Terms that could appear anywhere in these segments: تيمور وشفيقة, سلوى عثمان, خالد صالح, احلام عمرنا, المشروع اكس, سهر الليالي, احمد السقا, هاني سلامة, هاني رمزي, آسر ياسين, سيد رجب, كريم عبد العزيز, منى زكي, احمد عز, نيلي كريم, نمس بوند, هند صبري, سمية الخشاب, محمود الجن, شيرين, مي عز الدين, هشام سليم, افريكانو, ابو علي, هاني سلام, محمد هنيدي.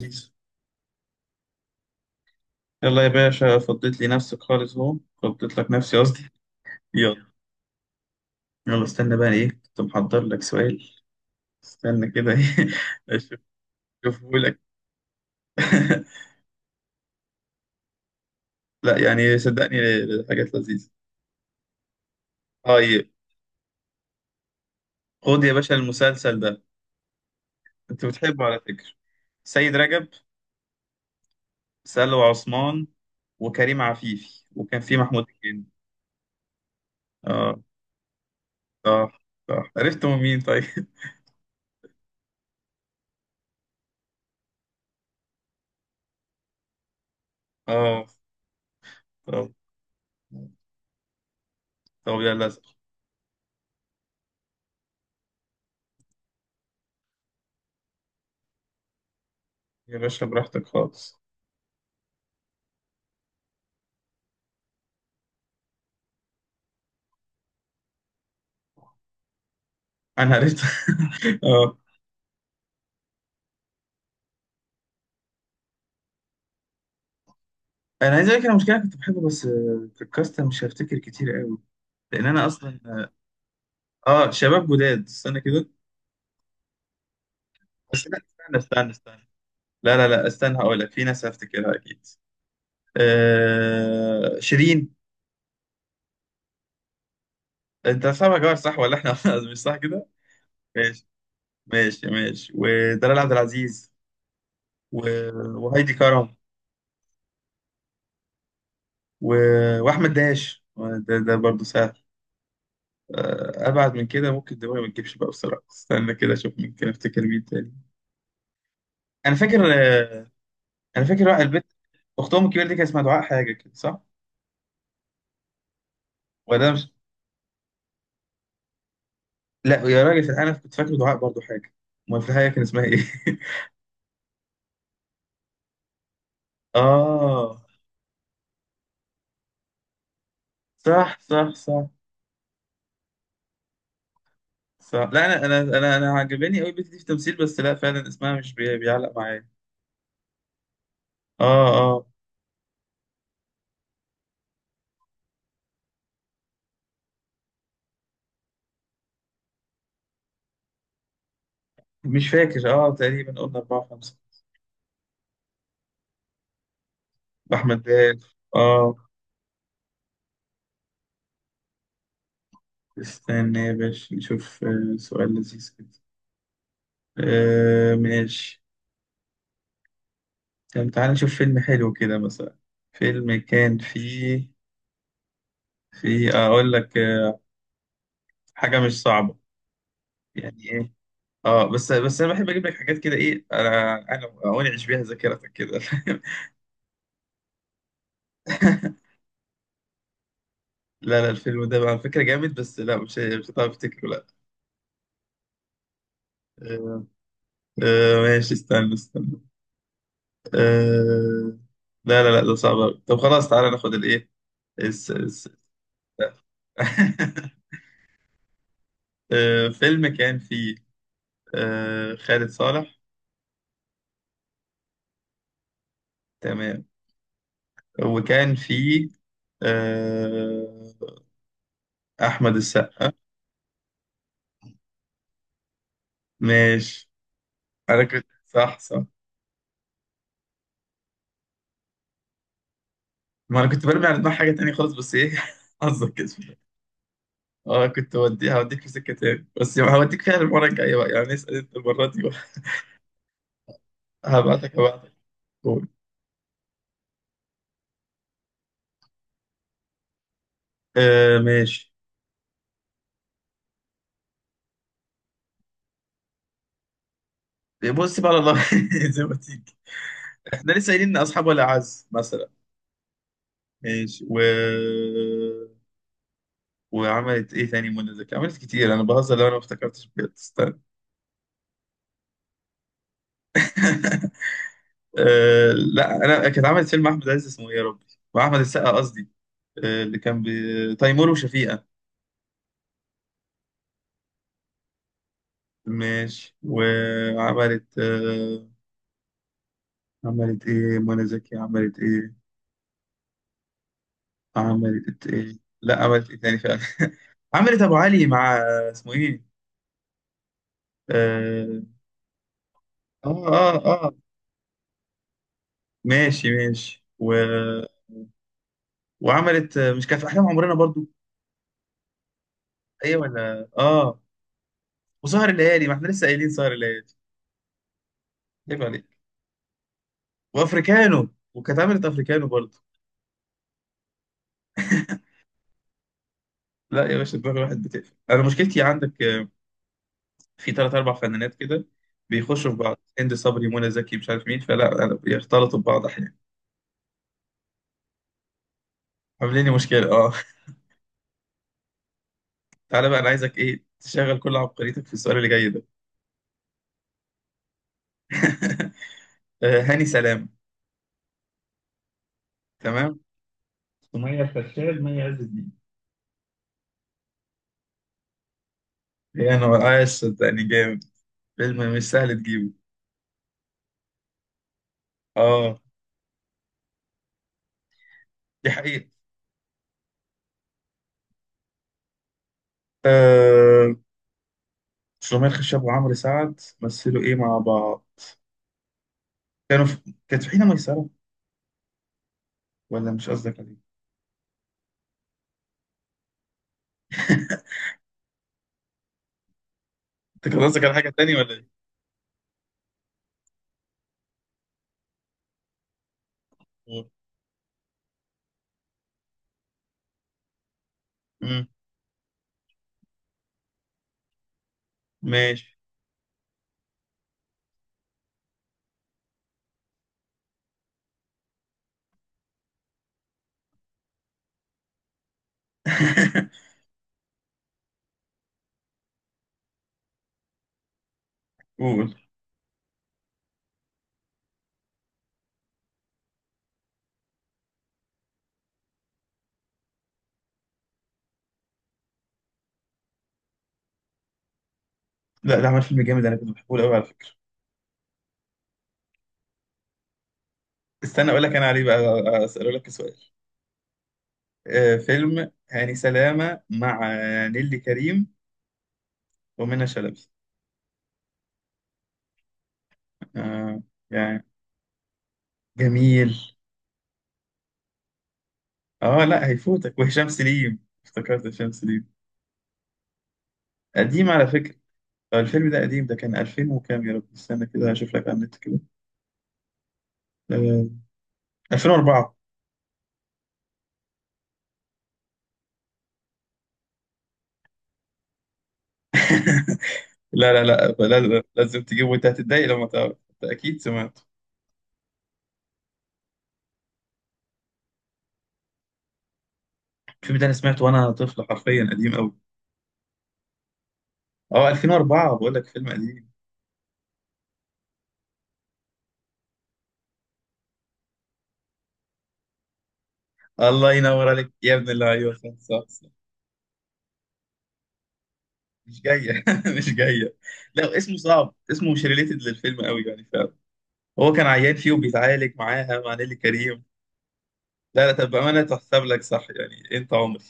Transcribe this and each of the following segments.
يلا، يا باشا فضيت لي نفسك خالص اهو. فضيت لك نفسي قصدي. يلا يلا استنى بقى، ايه كنت محضر لك سؤال. استنى كده ايه اشوف اشوفه لك. لا يعني صدقني، حاجات لذيذة. طيب، خد يا باشا المسلسل ده، انت بتحبه على فكرة. سيد رجب، سلوى عثمان، وكريم عفيفي، وكان في محمود الجن. اه صح. صح، عرفتوا مين طيب؟ اه. طب طب يلا اسأل. يا باشا براحتك خالص. انا قريت اه. انا عايز اقول لك أنا المشكله كنت بحبه، بس في الكاستم مش هفتكر كتير قوي، لان انا اصلا اه شباب جداد. استنى كده، بس لا استنى استنى استنى. لا لا لا استنى، هقول لك في ناس هفتكرها اكيد. شيرين، انت صاحبها جار صح ولا احنا مش صح كده؟ ماشي ماشي ماشي، ودلال عبد العزيز، و... وهايدي كرم، و... واحمد داش. ده برضه سهل. ابعد من كده ممكن دماغي ما تجيبش بقى بسرعه. استنى كده اشوف، ممكن افتكر مين تاني. انا فاكر آه، انا فاكر بقى البنت، اختهم الكبيره دي كان اسمها دعاء حاجه كده صح؟ ولا ده مش. لا يا راجل انا كنت فاكر دعاء برضو حاجه. امال في الحقيقه كان اسمها ايه؟ اه، صح صح صح صح. لا انا عجباني قوي البنت دي في التمثيل، بس لا فعلا اسمها مش بيعلق معايا. اه اه، مش فاكر اه، تقريبا قلنا أربعة خمسة. أحمد داش اه. استنى يا باشا نشوف، سؤال لذيذ كده. ماشي. طب تعالى نشوف فيلم حلو كده مثلا. فيلم كان فيه، اقول لك، حاجه مش صعبه يعني. ايه اه، بس انا بحب اجيب لك حاجات كده. ايه انا انعش بيها ذاكرتك كده. فاهم؟ لا لا، الفيلم ده على فكره جامد، بس لا مش هتعرف تفتكره، لا. آه ماشي استنى استنى. آه لا لا لا ده صعب أوي. طب خلاص تعالى ناخد الايه. الس- الس- فيلم كان فيه خالد صالح. تمام. وكان في آه، احمد السقا. ماشي. انا كنت صح صح. ما انا كنت برمي على دماغ حاجه تانية خالص، بس ايه. حظك كده. اه كنت هوديها هوديك في سكه تاني، بس هوديك فيها المره الجايه بقى، يعني اسال انت المره دي بقى. هبعتك هبعتك. قول. آه ماشي. بص بقى على الله. زي ما تيجي. احنا لسه قايلين ان اصحاب ولا عز مثلا. ماشي و. وعملت ايه تاني منى زكي؟ عملت كتير، انا بهزر، لو انا ما افتكرتش بجد استنى. أه لا، انا كانت عملت فيلم احمد عز اسمه ايه يا ربي، واحمد السقا قصدي. أه، اللي كان تيمور وشفيقة. ماشي وعملت أه. عملت ايه منى زكي عملت ايه؟ عملت ايه، لا عملت ايه تاني فعلا. عملت ابو علي مع اسمه ايه. اه اه اه، آه. ماشي ماشي و. وعملت مش كان في احلام عمرنا برضو؟ ايه ولا اه. وسهر الليالي، ما احنا لسه قايلين سهر الليالي. عيب عليك. وافريكانو، وكانت عملت افريكانو برضو. لا يا باشا دماغ الواحد بتقفل. انا مشكلتي عندك في ثلاث اربع فنانات كده بيخشوا في بعض، هند صبري منى زكي مش عارف مين، فلا أنا بيختلطوا ببعض احيانا، عاملين لي مشكله اه. تعالى بقى، انا عايزك ايه تشغل كل عبقريتك في السؤال اللي جاي ده. هاني سلام. تمام. سمية الخشاب، مي عز الدين. هي انا عايش صدقني جامد، فيلم مش سهل تجيبه، اه. دي حقيقة. آه، سمية الخشاب وعمرو سعد مثلوا ايه مع بعض؟ كانوا في... كانت في حين ميسرة، ولا مش قصدك عليه؟ انت كان قصدك على حاجة تانية ولا ايه؟ قول. مم. ماشي. قول. لا، ده عمل فيلم جامد انا كنت بحبه قوي على فكرة. استنى اقول لك، انا عليه بقى اسأله لك سؤال. آه، فيلم هاني سلامة مع نيلي كريم ومنى شلبي. آه يعني. جميل. اه لا هيفوتك، وهشام سليم. افتكرت هشام سليم. قديم على فكرة. الفيلم ده قديم، ده كان 2000 وكام؟ يا رب استنى كده هشوف لك على النت كده. آه، 2004. لا لا لا، لازم لازم تجيبه، وانت هتتضايق لما تعرف، انت اكيد سمعت. الفيلم ده انا سمعته وانا طفل، حرفيا قديم قوي. اه 2004 بقول لك، فيلم قديم. الله ينور عليك يا ابن الله، ايوه صح صح صح. مش جايه. مش جايه. لا اسمه صعب، اسمه مش ريليتد للفيلم قوي يعني فعلا. هو كان عيان فيه وبيتعالج معاها مع نيلي كريم. لا لا، طب بامانه تحسب لك صح، يعني انت عمري.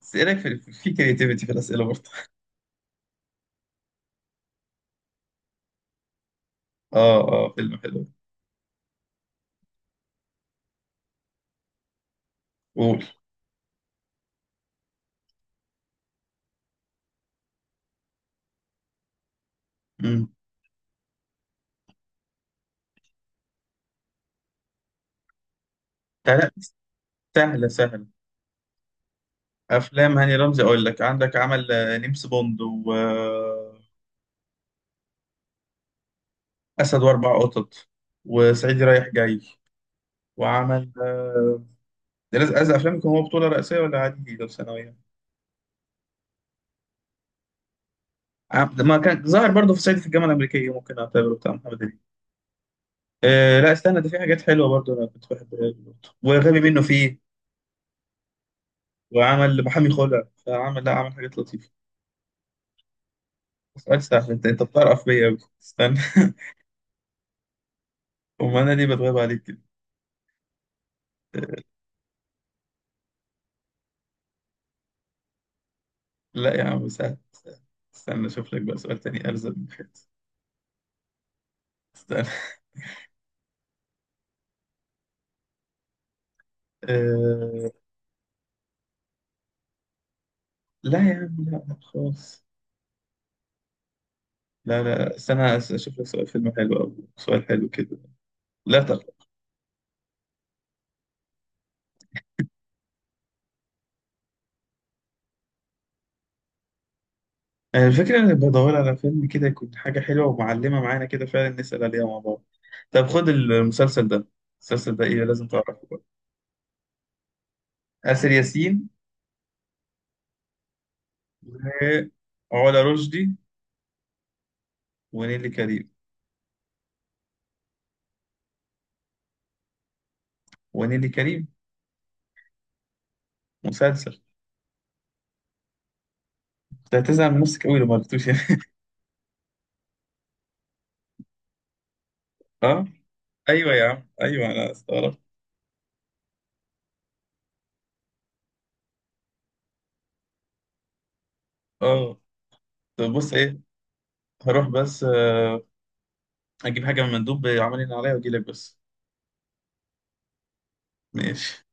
بس ايه رايك في كرياتيفيتي في الاسئله برضه؟ اه اه فيلم حلو. قول. مم. لا لا، سهله سهله. افلام هاني رمزي، اقول لك عندك عمل نمس بوند واسد، واربع قطط، وصعيدي رايح جاي، وعمل ده لازم، عايز افلام يكون هو بطوله رئيسيه، ولا عادي لو ثانويه؟ ده ما كان ظاهر برضه في صعيدي في الجامعه الامريكيه، ممكن اعتبره بتاع محمد هنيدي. أه لا استنى، ده في حاجات حلوه برضه انا كنت بحبها له برضه، وغبي منه فيه، وعمل محامي خلع، فعمل لا عمل حاجات لطيفه. اسالك سهل، انت بتعرف بيا أوي. استنى امال انا ليه بتغيب عليك كده. لا يا عم سهل سهل. استنى اشوف لك بقى سؤال تاني ارزق من كده. استنى. أه... لا يا عم لا لا خالص. لا لا استنى، اشوف لك سؤال فيلم حلو او سؤال حلو كده. لا تقلق. آه، الفكرة انا بدور على فيلم كده، يكون حاجة حلوة ومعلمة معانا كده فعلا نسأل عليها مع بعض. طب خد المسلسل ده، المسلسل ده ايه لازم تعرفه بقى. آسر ياسين، وعلا رشدي، ونيلي كريم، ونيلي كريم. مسلسل. انت هتزعل من نفسك قوي لو ما عرفتوش يعني. ايوه يا عم ايوه، انا استغربت. اه طب بص ايه، هروح بس اجيب حاجه من المندوب عاملين عليا واجي لك بس. ماشي